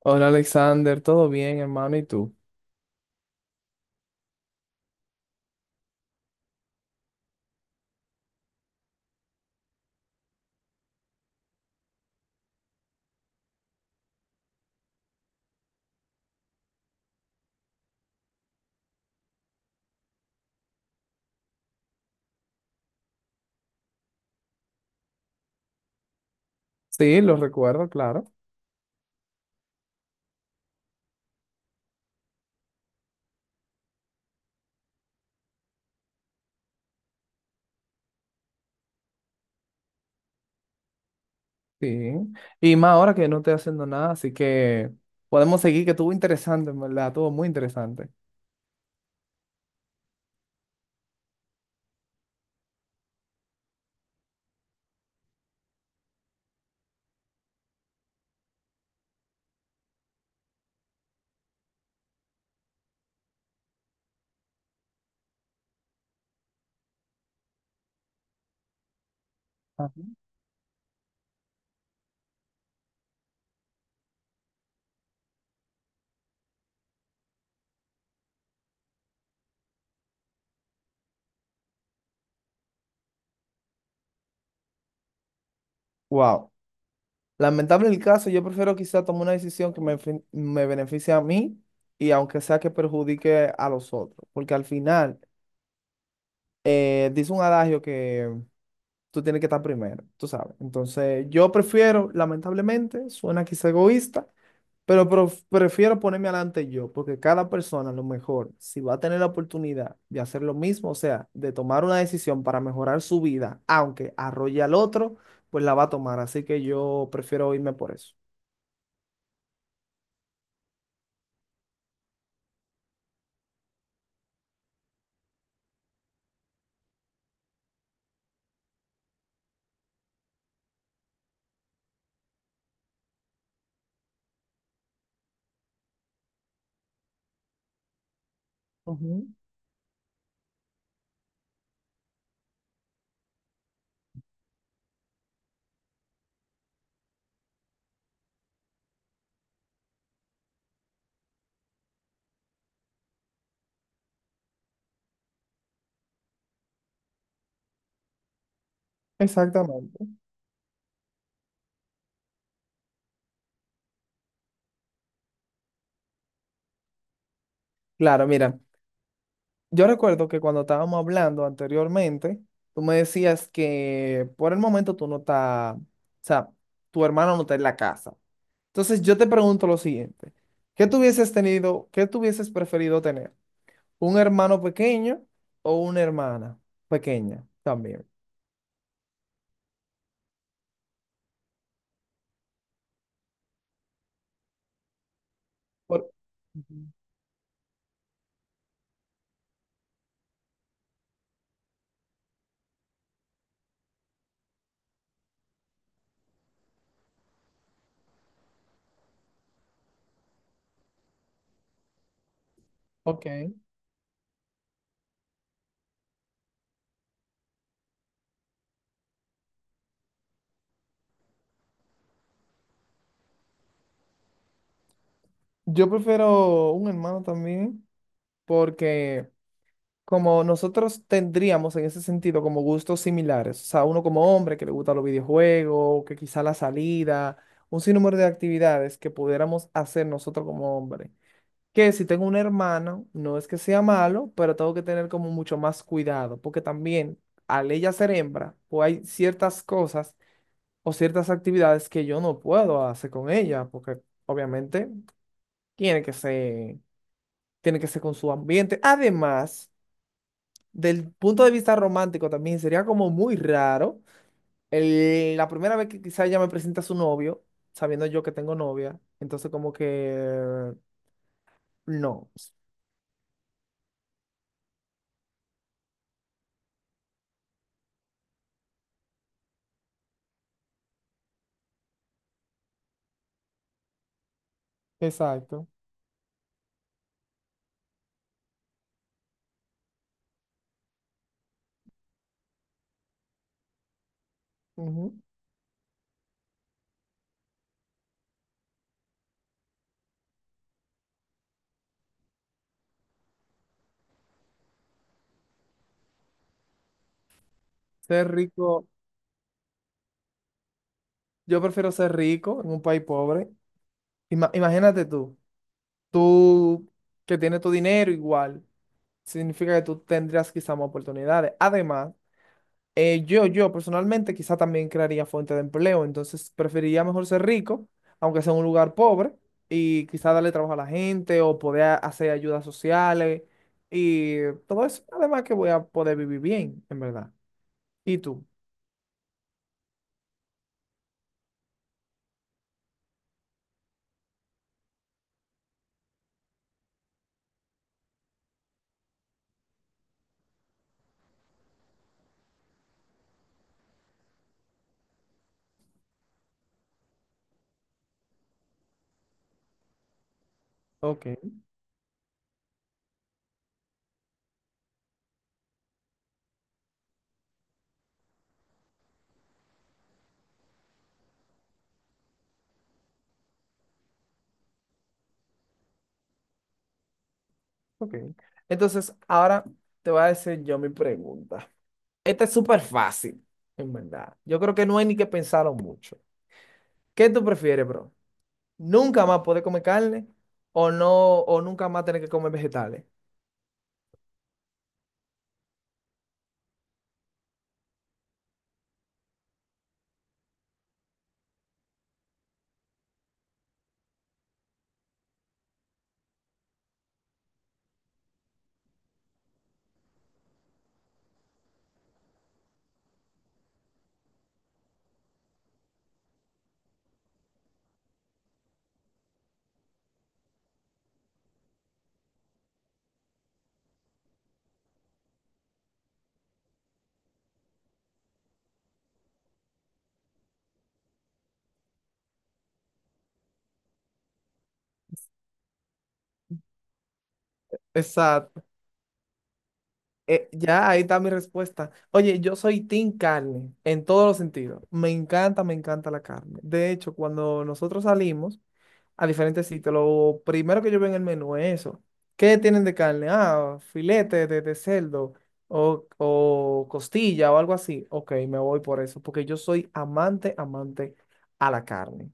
Hola Alexander, ¿todo bien, hermano? ¿Y tú? Sí, lo recuerdo, claro. Sí. Y más ahora que no estoy haciendo nada, así que podemos seguir, que estuvo interesante, en verdad, estuvo muy interesante. Ajá. Wow. Lamentable el caso, yo prefiero quizá tomar una decisión que me, me beneficie a mí y aunque sea que perjudique a los otros, porque al final dice un adagio que tú tienes que estar primero, tú sabes. Entonces, yo prefiero, lamentablemente, suena quizá egoísta, pero prefiero ponerme adelante yo, porque cada persona a lo mejor, si va a tener la oportunidad de hacer lo mismo, o sea, de tomar una decisión para mejorar su vida, aunque arrolle al otro, pues la va a tomar. Así que yo prefiero irme por eso. Ujú. Exactamente. Claro, mira. Yo recuerdo que cuando estábamos hablando anteriormente, tú me decías que por el momento tú no estás, o sea, tu hermano no está en la casa. Entonces yo te pregunto lo siguiente, ¿qué tú hubieses tenido, qué tú hubieses preferido tener? ¿Un hermano pequeño o una hermana pequeña también? Por- Ujú. Ok. Yo prefiero un hermano también porque como nosotros tendríamos en ese sentido como gustos similares, o sea, uno como hombre que le gusta los videojuegos, que quizá la salida, un sinnúmero de actividades que pudiéramos hacer nosotros como hombre. Que si tengo un hermano, no es que sea malo, pero tengo que tener como mucho más cuidado, porque también al ella ser hembra, pues hay ciertas cosas o ciertas actividades que yo no puedo hacer con ella, porque obviamente tiene que ser, tiene que ser con su ambiente. Además, del punto de vista romántico también sería como muy raro. La primera vez que quizá ella me presenta a su novio, sabiendo yo que tengo novia, entonces como que no. Exacto. Ujú. Ser rico, yo prefiero ser rico en un país pobre. Imagínate tú, tú que tienes tu dinero igual, significa que tú tendrás quizá más oportunidades. Además, yo personalmente quizá también crearía fuente de empleo, entonces preferiría mejor ser rico, aunque sea en un lugar pobre, y quizá darle trabajo a la gente o poder hacer ayudas sociales y todo eso. Además que voy a poder vivir bien, en verdad. ¿Y tú? Ok, ok. Entonces, ahora te voy a decir yo mi pregunta. Esta es súper fácil, en verdad. Yo creo que no hay ni que pensarlo mucho. ¿Qué tú prefieres, bro? ¿Nunca más poder comer carne o no, o nunca más tener que comer vegetales? Exacto. Ya ahí está mi respuesta. Oye, yo soy team carne en todos los sentidos. Me encanta la carne. De hecho, cuando nosotros salimos a diferentes sitios, lo primero que yo veo en el menú es eso. ¿Qué tienen de carne? Ah, filete de cerdo o costilla o algo así. Ok, me voy por eso, porque yo soy amante, amante a la carne.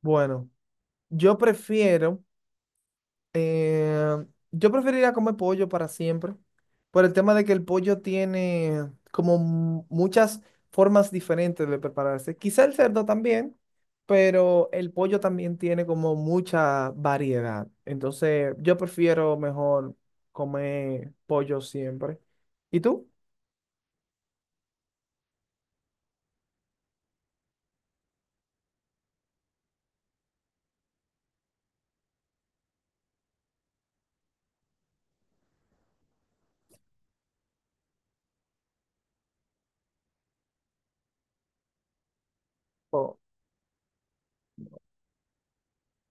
Bueno, yo prefiero Eh, yo preferiría comer pollo para siempre, por el tema de que el pollo tiene como muchas formas diferentes de prepararse. Quizá el cerdo también, pero el pollo también tiene como mucha variedad. Entonces, yo prefiero mejor comer pollo siempre. ¿Y tú? Oh,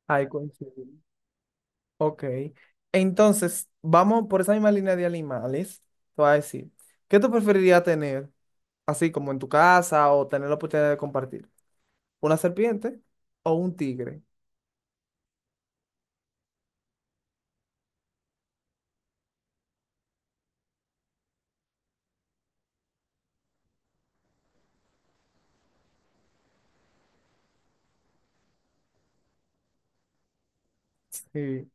ahí coincidimos. Ok. Entonces, vamos por esa misma línea de animales. Te voy a decir, ¿qué tú preferirías tener, así como en tu casa, o tener la oportunidad de compartir? Una serpiente o un tigre. Sí.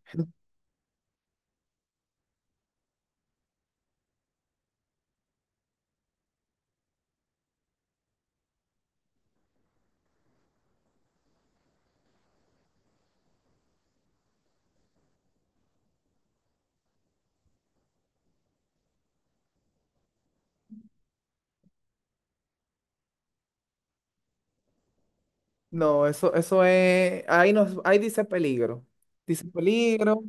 No, eso es, ahí nos, ahí dice peligro. Dice peligro.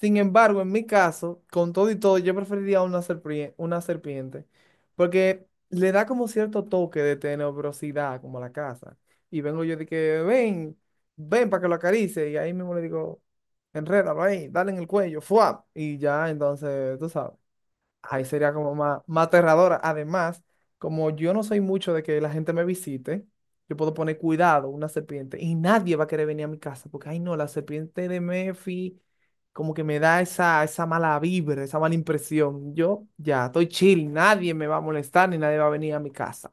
Sin embargo, en mi caso, con todo y todo, yo preferiría una serpiente, porque le da como cierto toque de tenebrosidad, como a la casa. Y vengo yo de que, ven, ven para que lo acaricie. Y ahí mismo le digo, enrédalo ahí, dale en el cuello, ¡fua! Y ya, entonces, tú sabes. Ahí sería como más, más aterradora. Además, como yo no soy mucho de que la gente me visite, yo puedo poner cuidado, una serpiente, y nadie va a querer venir a mi casa, porque, ay no, la serpiente de Mefi como que me da esa, esa mala vibra, esa mala impresión. Yo ya estoy chill, nadie me va a molestar ni nadie va a venir a mi casa.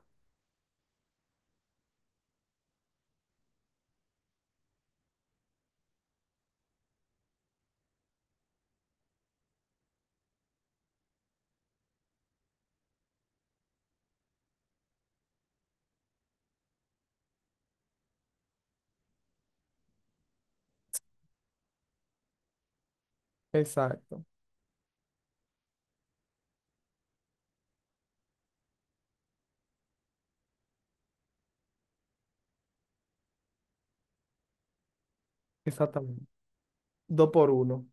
Exacto, exactamente. Dos por uno.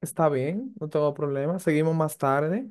Está bien, no tengo problema. Seguimos más tarde.